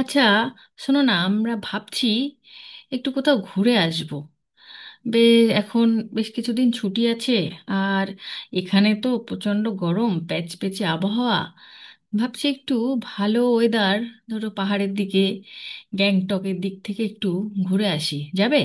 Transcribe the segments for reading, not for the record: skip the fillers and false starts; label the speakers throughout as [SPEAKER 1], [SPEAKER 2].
[SPEAKER 1] আচ্ছা, শোনো না, আমরা ভাবছি একটু কোথাও ঘুরে আসব। বে এখন বেশ কিছুদিন ছুটি আছে, আর এখানে তো প্রচণ্ড গরম, প্যাচপ্যাচে আবহাওয়া। ভাবছি একটু ভালো ওয়েদার, ধরো পাহাড়ের দিকে, গ্যাংটকের দিক থেকে একটু ঘুরে আসি, যাবে?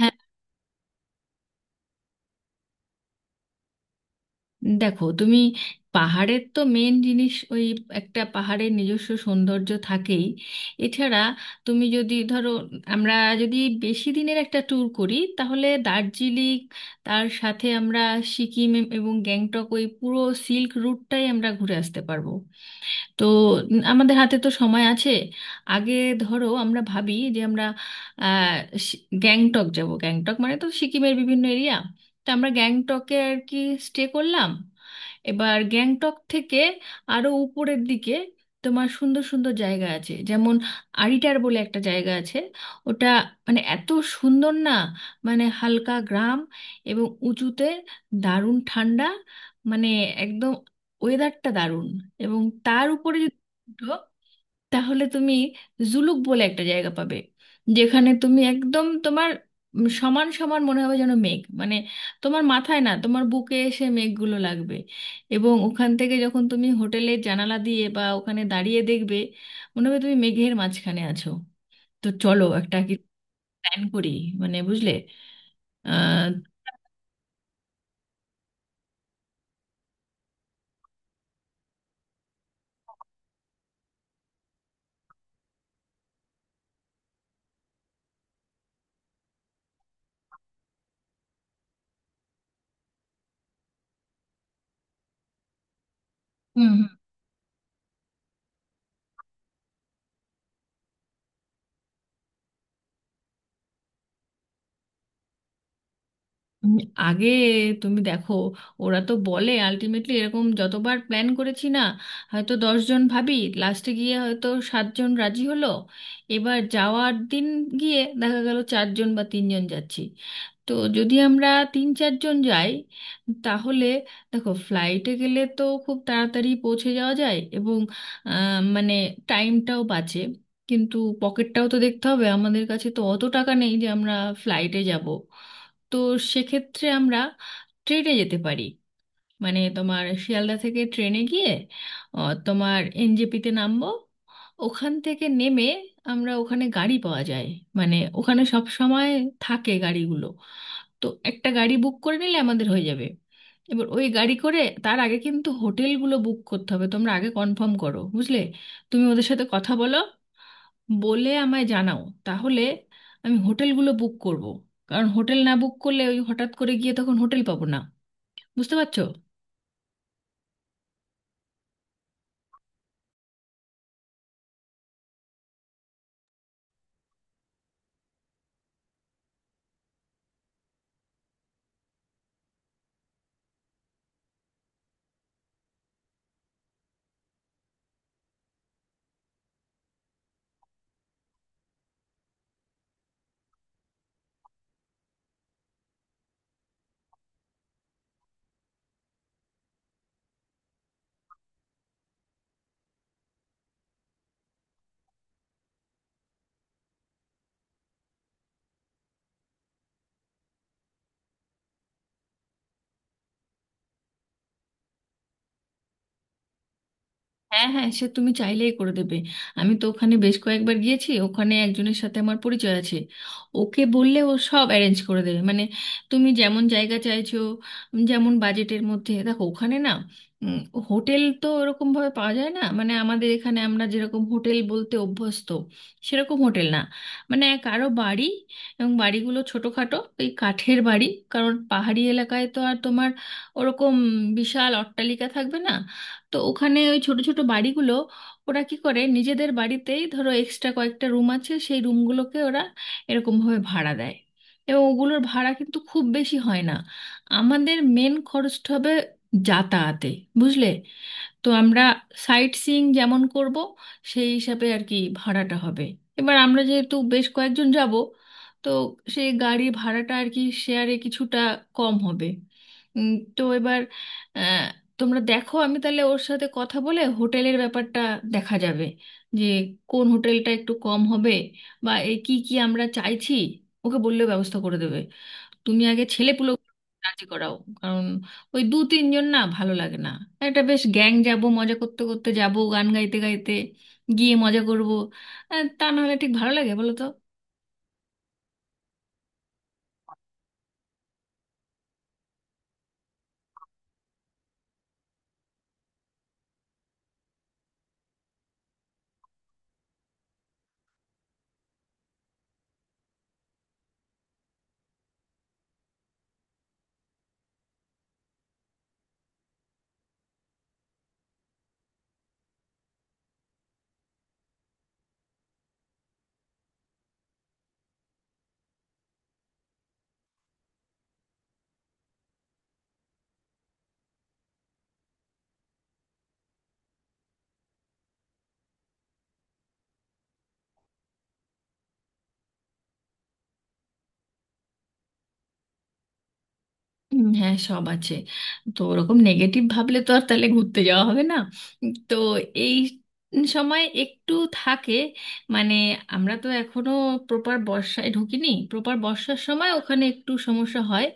[SPEAKER 1] হ্যাঁ। দেখো তুমি, পাহাড়ের তো মেন জিনিস ওই, একটা পাহাড়ের নিজস্ব সৌন্দর্য থাকেই। এছাড়া তুমি যদি ধরো, আমরা যদি বেশি দিনের একটা ট্যুর করি, তাহলে দার্জিলিং, তার সাথে আমরা সিকিম এবং গ্যাংটক, ওই পুরো সিল্ক রুটটাই আমরা ঘুরে আসতে পারবো। তো আমাদের হাতে তো সময় আছে। আগে ধরো আমরা ভাবি যে আমরা আহ, গ্যাংটক যাব। গ্যাংটক মানে তো সিকিমের বিভিন্ন এরিয়া, তো আমরা গ্যাংটকে আর কি স্টে করলাম। এবার গ্যাংটক থেকে আরো উপরের দিকে তোমার সুন্দর সুন্দর জায়গা আছে, যেমন আরিটার বলে একটা জায়গা আছে। ওটা মানে এত সুন্দর না, মানে হালকা গ্রাম এবং উঁচুতে, দারুণ ঠান্ডা, মানে একদম ওয়েদারটা দারুণ। এবং তার উপরে যদি উঠো, তাহলে তুমি জুলুক বলে একটা জায়গা পাবে, যেখানে তুমি একদম তোমার সমান সমান মনে হবে, যেন মেঘ, মানে তোমার মাথায় না, তোমার বুকে এসে মেঘগুলো লাগবে। এবং ওখান থেকে যখন তুমি হোটেলের জানালা দিয়ে বা ওখানে দাঁড়িয়ে দেখবে, মনে হবে তুমি মেঘের মাঝখানে আছো। তো চলো একটা কি প্ল্যান করি, মানে বুঝলে। আহ উম, আগে তুমি দেখো, ওরা তো বলে, আলটিমেটলি এরকম যতবার প্ল্যান করেছি না, হয়তো দশজন ভাবি, লাস্টে গিয়ে হয়তো সাতজন রাজি হলো, এবার যাওয়ার দিন গিয়ে দেখা গেল চারজন বা তিনজন যাচ্ছি। তো যদি আমরা তিন চারজন যাই, তাহলে দেখো, ফ্লাইটে গেলে তো খুব তাড়াতাড়ি পৌঁছে যাওয়া যায় এবং মানে টাইমটাও বাঁচে। কিন্তু পকেটটাও তো দেখতে হবে, আমাদের কাছে তো অত টাকা নেই যে আমরা ফ্লাইটে যাব। তো সেক্ষেত্রে আমরা ট্রেনে যেতে পারি, মানে তোমার শিয়ালদা থেকে ট্রেনে গিয়ে তোমার এনজেপিতে নামবো। ওখান থেকে নেমে আমরা, ওখানে গাড়ি পাওয়া যায়, মানে ওখানে সব সময় থাকে গাড়িগুলো, তো একটা গাড়ি বুক করে নিলে আমাদের হয়ে যাবে। এবার ওই গাড়ি করে, তার আগে কিন্তু হোটেলগুলো বুক করতে হবে, তোমরা আগে কনফার্ম করো বুঝলে। তুমি ওদের সাথে কথা বলো, বলে আমায় জানাও, তাহলে আমি হোটেলগুলো বুক করব। কারণ হোটেল না বুক করলে ওই হঠাৎ করে গিয়ে তখন হোটেল পাবো না, বুঝতে পারছো? হ্যাঁ হ্যাঁ, সে তুমি চাইলেই করে দেবে। আমি তো ওখানে বেশ কয়েকবার গিয়েছি, ওখানে একজনের সাথে আমার পরিচয় আছে, ওকে বললে ও সব অ্যারেঞ্জ করে দেবে, মানে তুমি যেমন জায়গা চাইছো, যেমন বাজেটের মধ্যে। দেখো ওখানে না, উম, হোটেল তো ওরকম ভাবে পাওয়া যায় না, মানে আমাদের এখানে আমরা যেরকম হোটেল বলতে অভ্যস্ত, সেরকম হোটেল না। মানে কারো বাড়ি, এবং বাড়িগুলো ছোটোখাটো, এই কাঠের বাড়ি, কারণ পাহাড়ি এলাকায় তো আর তোমার ওরকম বিশাল অট্টালিকা থাকবে না। তো ওখানে ওই ছোট ছোট বাড়িগুলো, ওরা কি করে, নিজেদের বাড়িতেই ধরো এক্সট্রা কয়েকটা রুম আছে, সেই রুমগুলোকে ওরা এরকমভাবে ভাড়া দেয়, এবং ওগুলোর ভাড়া কিন্তু খুব বেশি হয় না। আমাদের মেন খরচটা হবে যাতায়াতে, বুঝলে। তো আমরা সাইট সিইং যেমন করব, সেই হিসাবে আর কি ভাড়াটা হবে। এবার আমরা যেহেতু বেশ কয়েকজন যাব, তো সেই গাড়ি ভাড়াটা আর কি শেয়ারে কিছুটা কম হবে। তো এবার আহ, তোমরা দেখো, আমি তাহলে ওর সাথে কথা বলে হোটেলের ব্যাপারটা দেখা যাবে, যে কোন হোটেলটা একটু কম হবে বা এই কি কি আমরা চাইছি, ওকে বললেও ব্যবস্থা করে দেবে। তুমি আগে ছেলেপুলে রাজি করাও, কারণ ওই দু তিনজন না ভালো লাগে না, একটা বেশ গ্যাং যাব, মজা করতে করতে যাব, গান গাইতে গাইতে গিয়ে মজা করব। তা না হলে ঠিক ভালো লাগে বলো তো? হ্যাঁ সব আছে, তো ওরকম নেগেটিভ ভাবলে তো আর তাহলে ঘুরতে যাওয়া হবে না। তো এই সময় একটু থাকে, মানে আমরা তো এখনো প্রপার বর্ষায় ঢুকিনি, প্রপার বর্ষার সময় ওখানে একটু সমস্যা হয়,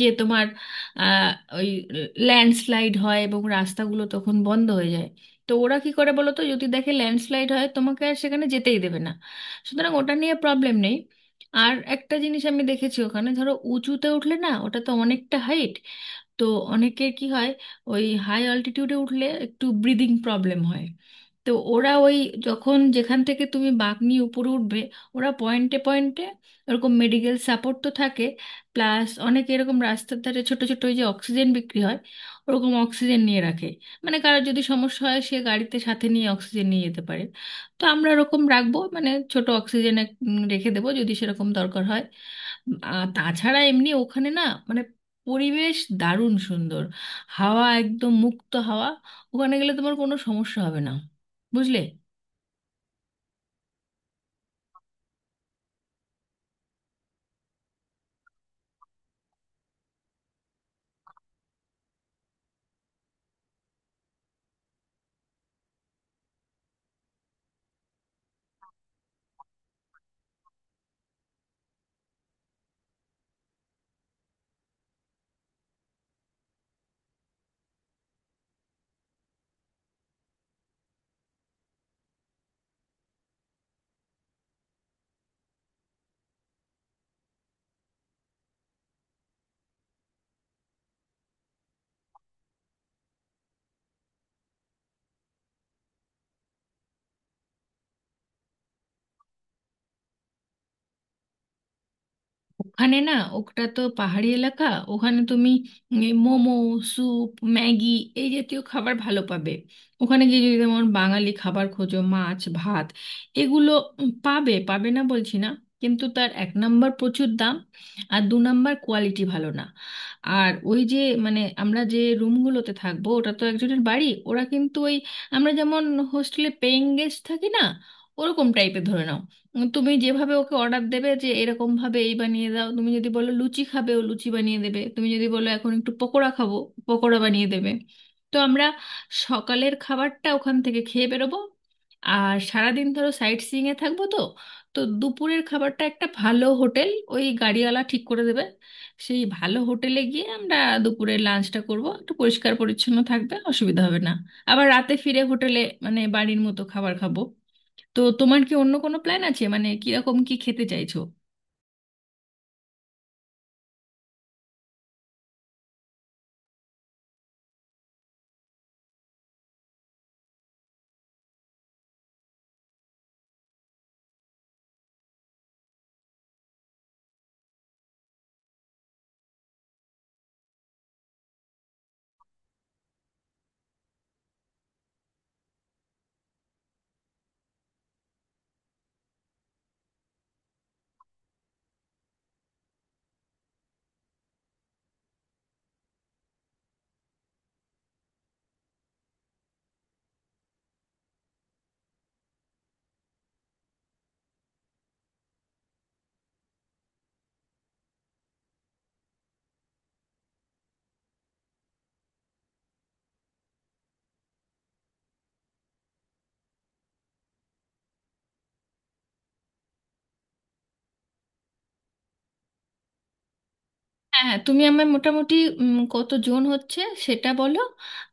[SPEAKER 1] যে তোমার আহ, ওই ল্যান্ডস্লাইড হয় এবং রাস্তাগুলো তখন বন্ধ হয়ে যায়। তো ওরা কি করে বলো তো, যদি দেখে ল্যান্ডস্লাইড হয়, তোমাকে আর সেখানে যেতেই দেবে না, সুতরাং ওটা নিয়ে প্রবলেম নেই। আর একটা জিনিস আমি দেখেছি, ওখানে ধরো উঁচুতে উঠলে না, ওটা তো অনেকটা হাইট, তো অনেকের কি হয়, ওই হাই অল্টিটিউডে উঠলে একটু ব্রিদিং প্রবলেম হয়। তো ওরা ওই, যখন যেখান থেকে তুমি বাঁক নিয়ে উপরে উঠবে, ওরা পয়েন্টে পয়েন্টে ওরকম মেডিকেল সাপোর্ট তো থাকে। প্লাস অনেকে এরকম রাস্তার ধারে, ছোট ছোট ওই যে অক্সিজেন বিক্রি হয়, ওরকম অক্সিজেন নিয়ে রাখে, মানে কারোর যদি সমস্যা হয়, সে গাড়িতে সাথে নিয়ে অক্সিজেন নিয়ে যেতে পারে। তো আমরা ওরকম রাখবো, মানে ছোট অক্সিজেন রেখে দেবো, যদি সেরকম দরকার হয়। আর তাছাড়া এমনি ওখানে না, মানে পরিবেশ দারুণ সুন্দর, হাওয়া একদম মুক্ত হাওয়া, ওখানে গেলে তোমার কোনো সমস্যা হবে না, বুঝলে। ওখানে না ওটা তো পাহাড়ি এলাকা, ওখানে তুমি মোমো, স্যুপ, ম্যাগি, এই জাতীয় খাবার ভালো পাবে। ওখানে গিয়ে যদি যেমন বাঙালি খাবার খোঁজো, মাছ ভাত এগুলো, পাবে, পাবে না বলছি না, কিন্তু তার এক নাম্বার প্রচুর দাম, আর দু নাম্বার কোয়ালিটি ভালো না। আর ওই যে মানে আমরা যে রুমগুলোতে থাকবো, ওটা তো একজনের বাড়ি, ওরা কিন্তু ওই, আমরা যেমন হোস্টেলে পেইং গেস্ট থাকি না, ওরকম টাইপের ধরে নাও। তুমি যেভাবে ওকে অর্ডার দেবে, যে এরকম ভাবে এই বানিয়ে দাও, তুমি যদি বলো লুচি খাবে, ও লুচি বানিয়ে দেবে, তুমি যদি বলো এখন একটু পকোড়া খাবো, পকোড়া বানিয়ে দেবে। তো আমরা সকালের খাবারটা ওখান থেকে খেয়ে বেরোবো, আর সারাদিন ধরো সাইট সিইং এ থাকবো, তো তো দুপুরের খাবারটা একটা ভালো হোটেল ওই গাড়িওয়ালা ঠিক করে দেবে, সেই ভালো হোটেলে গিয়ে আমরা দুপুরের লাঞ্চটা করব, একটু পরিষ্কার পরিচ্ছন্ন থাকবে, অসুবিধা হবে না। আবার রাতে ফিরে হোটেলে মানে বাড়ির মতো খাবার খাবো। তো তোমার কি অন্য কোনো প্ল্যান আছে, মানে কিরকম কি খেতে চাইছো? হ্যাঁ হ্যাঁ, তুমি আমার মোটামুটি কত জন হচ্ছে সেটা বলো।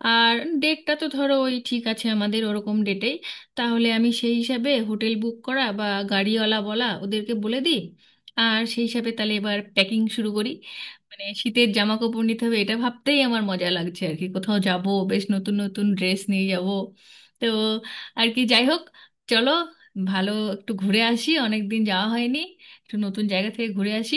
[SPEAKER 1] আর ডেটটা তো ধরো ওই ঠিক আছে, আমাদের ওরকম ডেটেই, তাহলে আমি সেই হিসাবে হোটেল বুক করা বা গাড়িওয়ালা বলা, ওদেরকে বলে দিই। আর সেই হিসাবে তাহলে এবার প্যাকিং শুরু করি, মানে শীতের জামা কাপড় নিতে হবে, এটা ভাবতেই আমার মজা লাগছে আর কি, কোথাও যাব, বেশ নতুন নতুন ড্রেস নিয়ে যাব। তো আর কি, যাই হোক, চলো, ভালো একটু ঘুরে আসি, অনেক দিন যাওয়া হয়নি, একটু নতুন জায়গা থেকে ঘুরে আসি।